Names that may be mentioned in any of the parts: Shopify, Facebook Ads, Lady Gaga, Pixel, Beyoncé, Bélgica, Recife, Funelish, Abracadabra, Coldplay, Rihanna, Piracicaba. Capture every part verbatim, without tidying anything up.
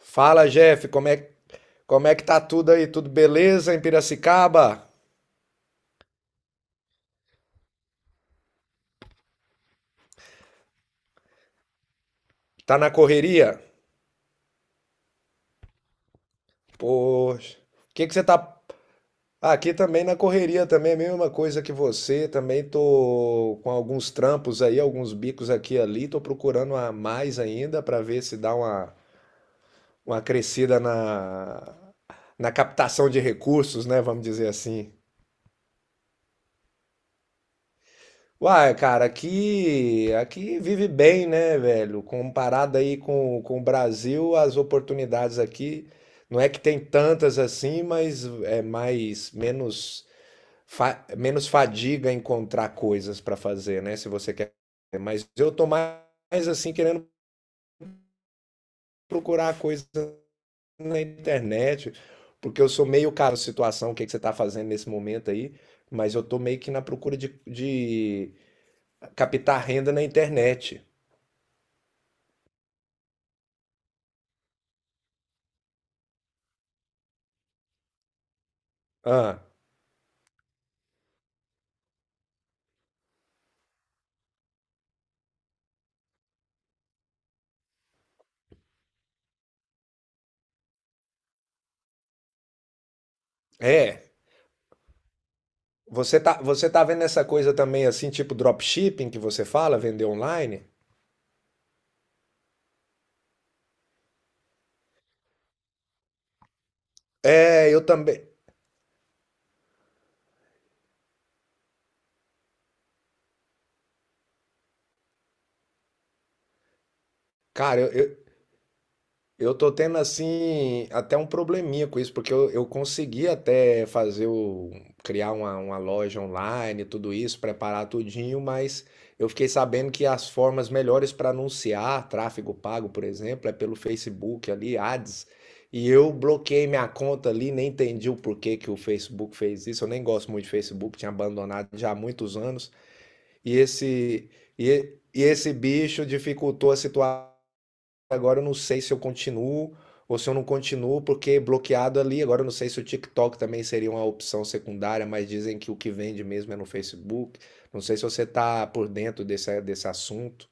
Fala, Jeff, como é, como é que tá tudo aí? Tudo beleza em Piracicaba? Tá na correria? Poxa, o que que você tá… Ah, aqui também na correria também, a mesma coisa que você, também tô com alguns trampos aí, alguns bicos aqui e ali, tô procurando a mais ainda para ver se dá uma uma crescida na na captação de recursos, né, vamos dizer assim. Uai, cara, aqui, aqui vive bem, né, velho? Comparado aí com, com o Brasil, as oportunidades aqui não é que tem tantas assim, mas é mais menos fa- menos fadiga encontrar coisas pra fazer, né? Se você quer. Mas eu tô mais assim querendo procurar coisas na internet, porque eu sou meio cara situação, o que que você tá fazendo nesse momento aí, mas eu tô meio que na procura de, de captar renda na internet. Hã. É. Você tá você tá vendo essa coisa também, assim, tipo dropshipping que você fala, vender online? É, eu também. Cara, eu Eu tô tendo assim até um probleminha com isso, porque eu, eu consegui até fazer o criar uma, uma loja online, tudo isso, preparar tudinho, mas eu fiquei sabendo que as formas melhores para anunciar tráfego pago, por exemplo, é pelo Facebook ali, Ads, e eu bloqueei minha conta ali, nem entendi o porquê que o Facebook fez isso. Eu nem gosto muito de Facebook, tinha abandonado já há muitos anos, e esse e, e esse bicho dificultou a situação. Agora eu não sei se eu continuo ou se eu não continuo, porque bloqueado ali. Agora eu não sei se o TikTok também seria uma opção secundária, mas dizem que o que vende mesmo é no Facebook. Não sei se você tá por dentro desse, desse assunto.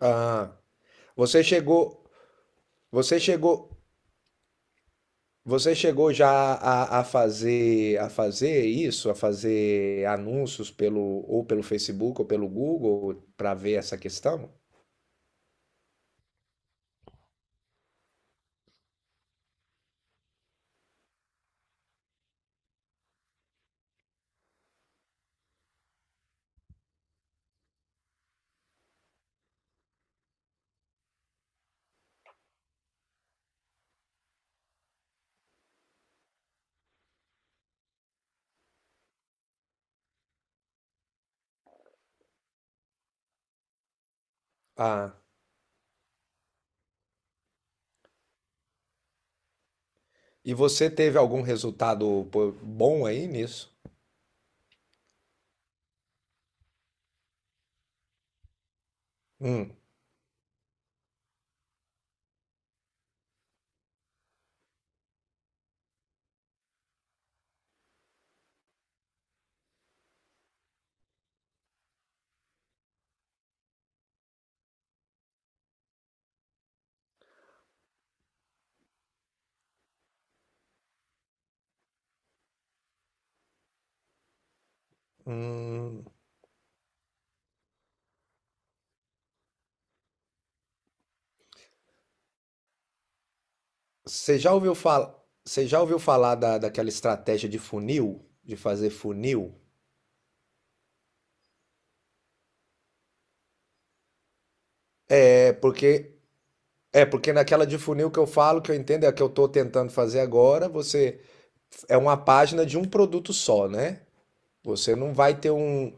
Ah, você chegou, você chegou, você chegou já a, a fazer a fazer isso, a fazer anúncios pelo ou pelo Facebook ou pelo Google para ver essa questão? Ah, e você teve algum resultado pô, bom aí nisso? Hum. Hum, você já ouviu falar, você já ouviu falar da, daquela estratégia de funil, de fazer funil? É porque é porque naquela de funil que eu falo, que eu entendo, é a que eu estou tentando fazer agora, você é uma página de um produto só, né? Você não vai ter um…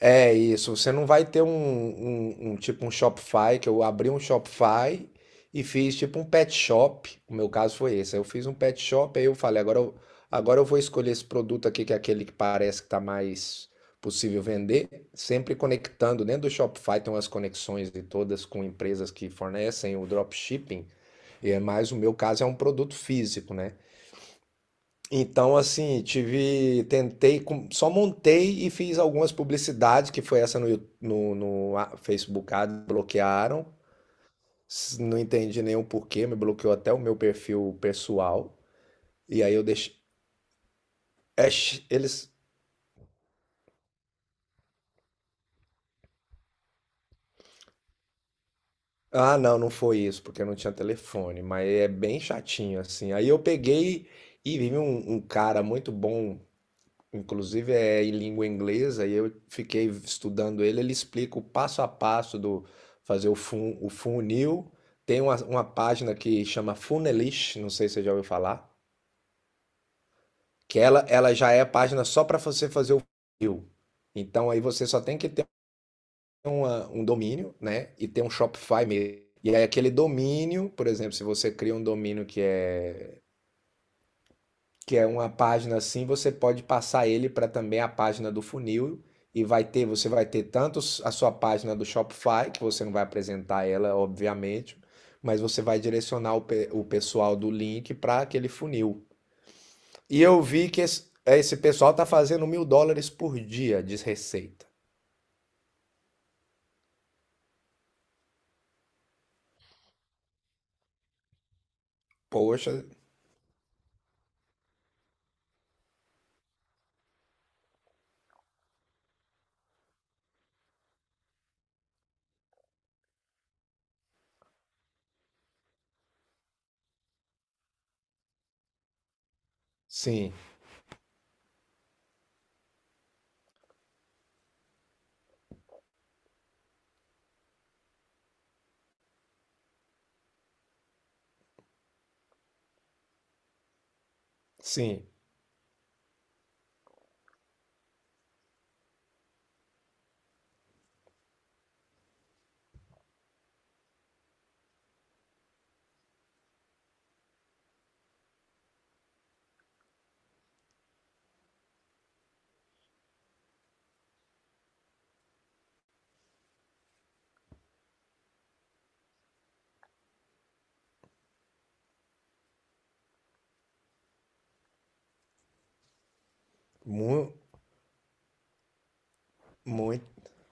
É isso, você não vai ter um, um, um tipo um Shopify, que eu abri um Shopify e fiz tipo um pet shop. O meu caso foi esse. Aí eu fiz um pet shop, aí eu falei, agora eu, agora eu vou escolher esse produto aqui, que é aquele que parece que está mais possível vender, sempre conectando. Dentro do Shopify tem umas conexões de todas com empresas que fornecem o dropshipping, e é mais o meu caso é um produto físico, né? Então, assim, tive, tentei, com- só montei e fiz algumas publicidades, que foi essa no, Yu- no, no a- Facebook Ads, bloquearam. S- Não entendi nenhum porquê, me bloqueou até o meu perfil pessoal. E aí eu deixei. Ex, Eles. Ah, não, não foi isso, porque eu não tinha telefone, mas é bem chatinho, assim. Aí eu peguei e vi um, um cara muito bom. Inclusive é em língua inglesa e eu fiquei estudando ele. Ele explica o passo a passo do fazer o, fun, o funil. Tem uma, uma página que chama Funelish, não sei se você já ouviu falar, que ela, ela já é a página só para você fazer o funil. Então aí você só tem que ter uma- um domínio, né? E ter um Shopify mesmo. E aí aquele domínio, por exemplo, se você cria um domínio que é que é uma página assim, você pode passar ele para também a página do funil e vai ter, você vai ter tanto a sua página do Shopify, que você não vai apresentar ela, obviamente, mas você vai direcionar o, pe- o pessoal do link para aquele funil. E eu vi que esse, esse pessoal tá fazendo mil dólares por dia de receita. Poxa, sim, sim. Mu- Muito,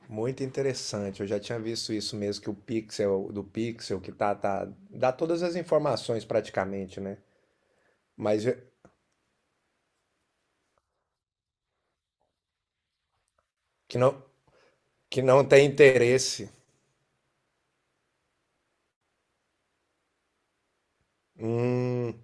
muito interessante. Eu já tinha visto isso mesmo, que o Pixel do Pixel, que tá, tá, dá todas as informações praticamente, né? Mas eu- que não, que não tem interesse. Hum.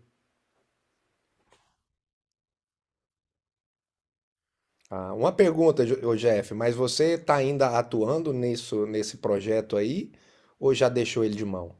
Ah, uma pergunta, Jo- ô Jeff, mas você tá ainda atuando nisso, nesse projeto aí, ou já deixou ele de mão?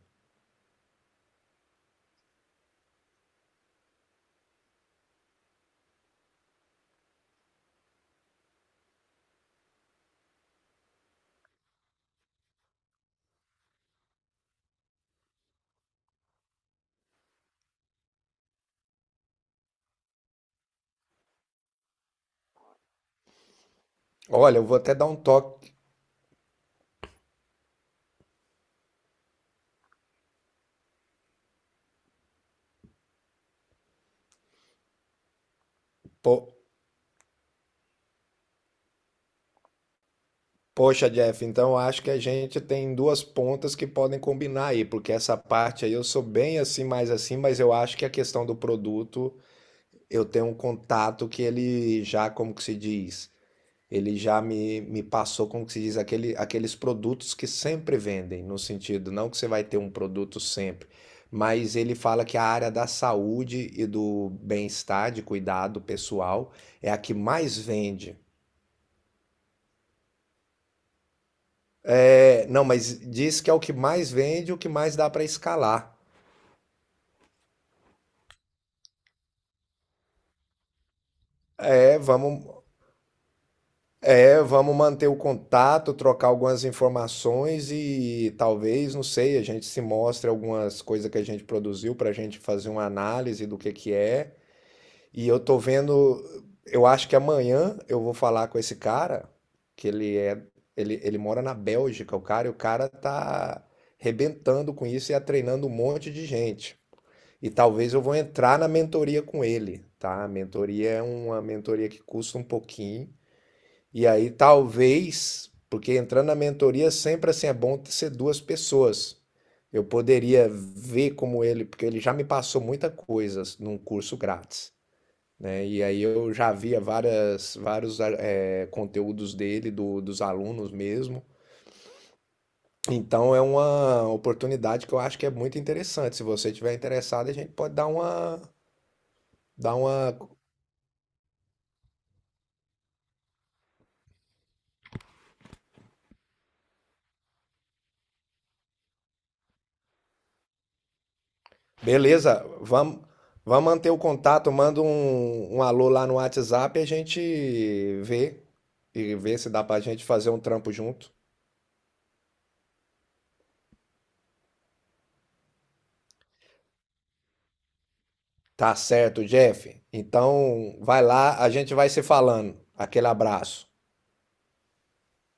Olha, eu vou até dar um toque. Poxa, Jeff, então acho que a gente tem duas pontas que podem combinar aí, porque essa parte aí eu sou bem assim, mais assim, mas eu acho que a questão do produto, eu tenho um contato que ele já, como que se diz, ele já me, me passou, como que se diz, aquele, aqueles produtos que sempre vendem, no sentido, não que você vai ter um produto sempre, mas ele fala que a área da saúde e do bem-estar, de cuidado pessoal, é a que mais vende. É, não, mas diz que é o que mais vende, o que mais dá para escalar. É, vamos, é, vamos manter o contato, trocar algumas informações e talvez, não sei, a gente se mostre algumas coisas que a gente produziu para a gente fazer uma análise do que que é. E eu tô vendo, eu acho que amanhã eu vou falar com esse cara, que ele é, ele, ele mora na Bélgica, o cara, e o cara tá arrebentando com isso e tá treinando um monte de gente. E talvez eu vou entrar na mentoria com ele, tá? A mentoria é uma mentoria que custa um pouquinho. E aí talvez, porque entrando na mentoria sempre assim é bom ser duas pessoas. Eu poderia ver como ele, porque ele já me passou muita coisa num curso grátis, né? E aí eu já via várias, vários é, conteúdos dele, do, dos alunos mesmo. Então é uma oportunidade que eu acho que é muito interessante. Se você tiver interessado, a gente pode dar uma, dar uma… Beleza, vamos, vamos manter o contato, manda um, um alô lá no WhatsApp e a gente vê e vê se dá pra gente fazer um trampo junto. Tá certo, Jeff. Então vai lá, a gente vai se falando. Aquele abraço.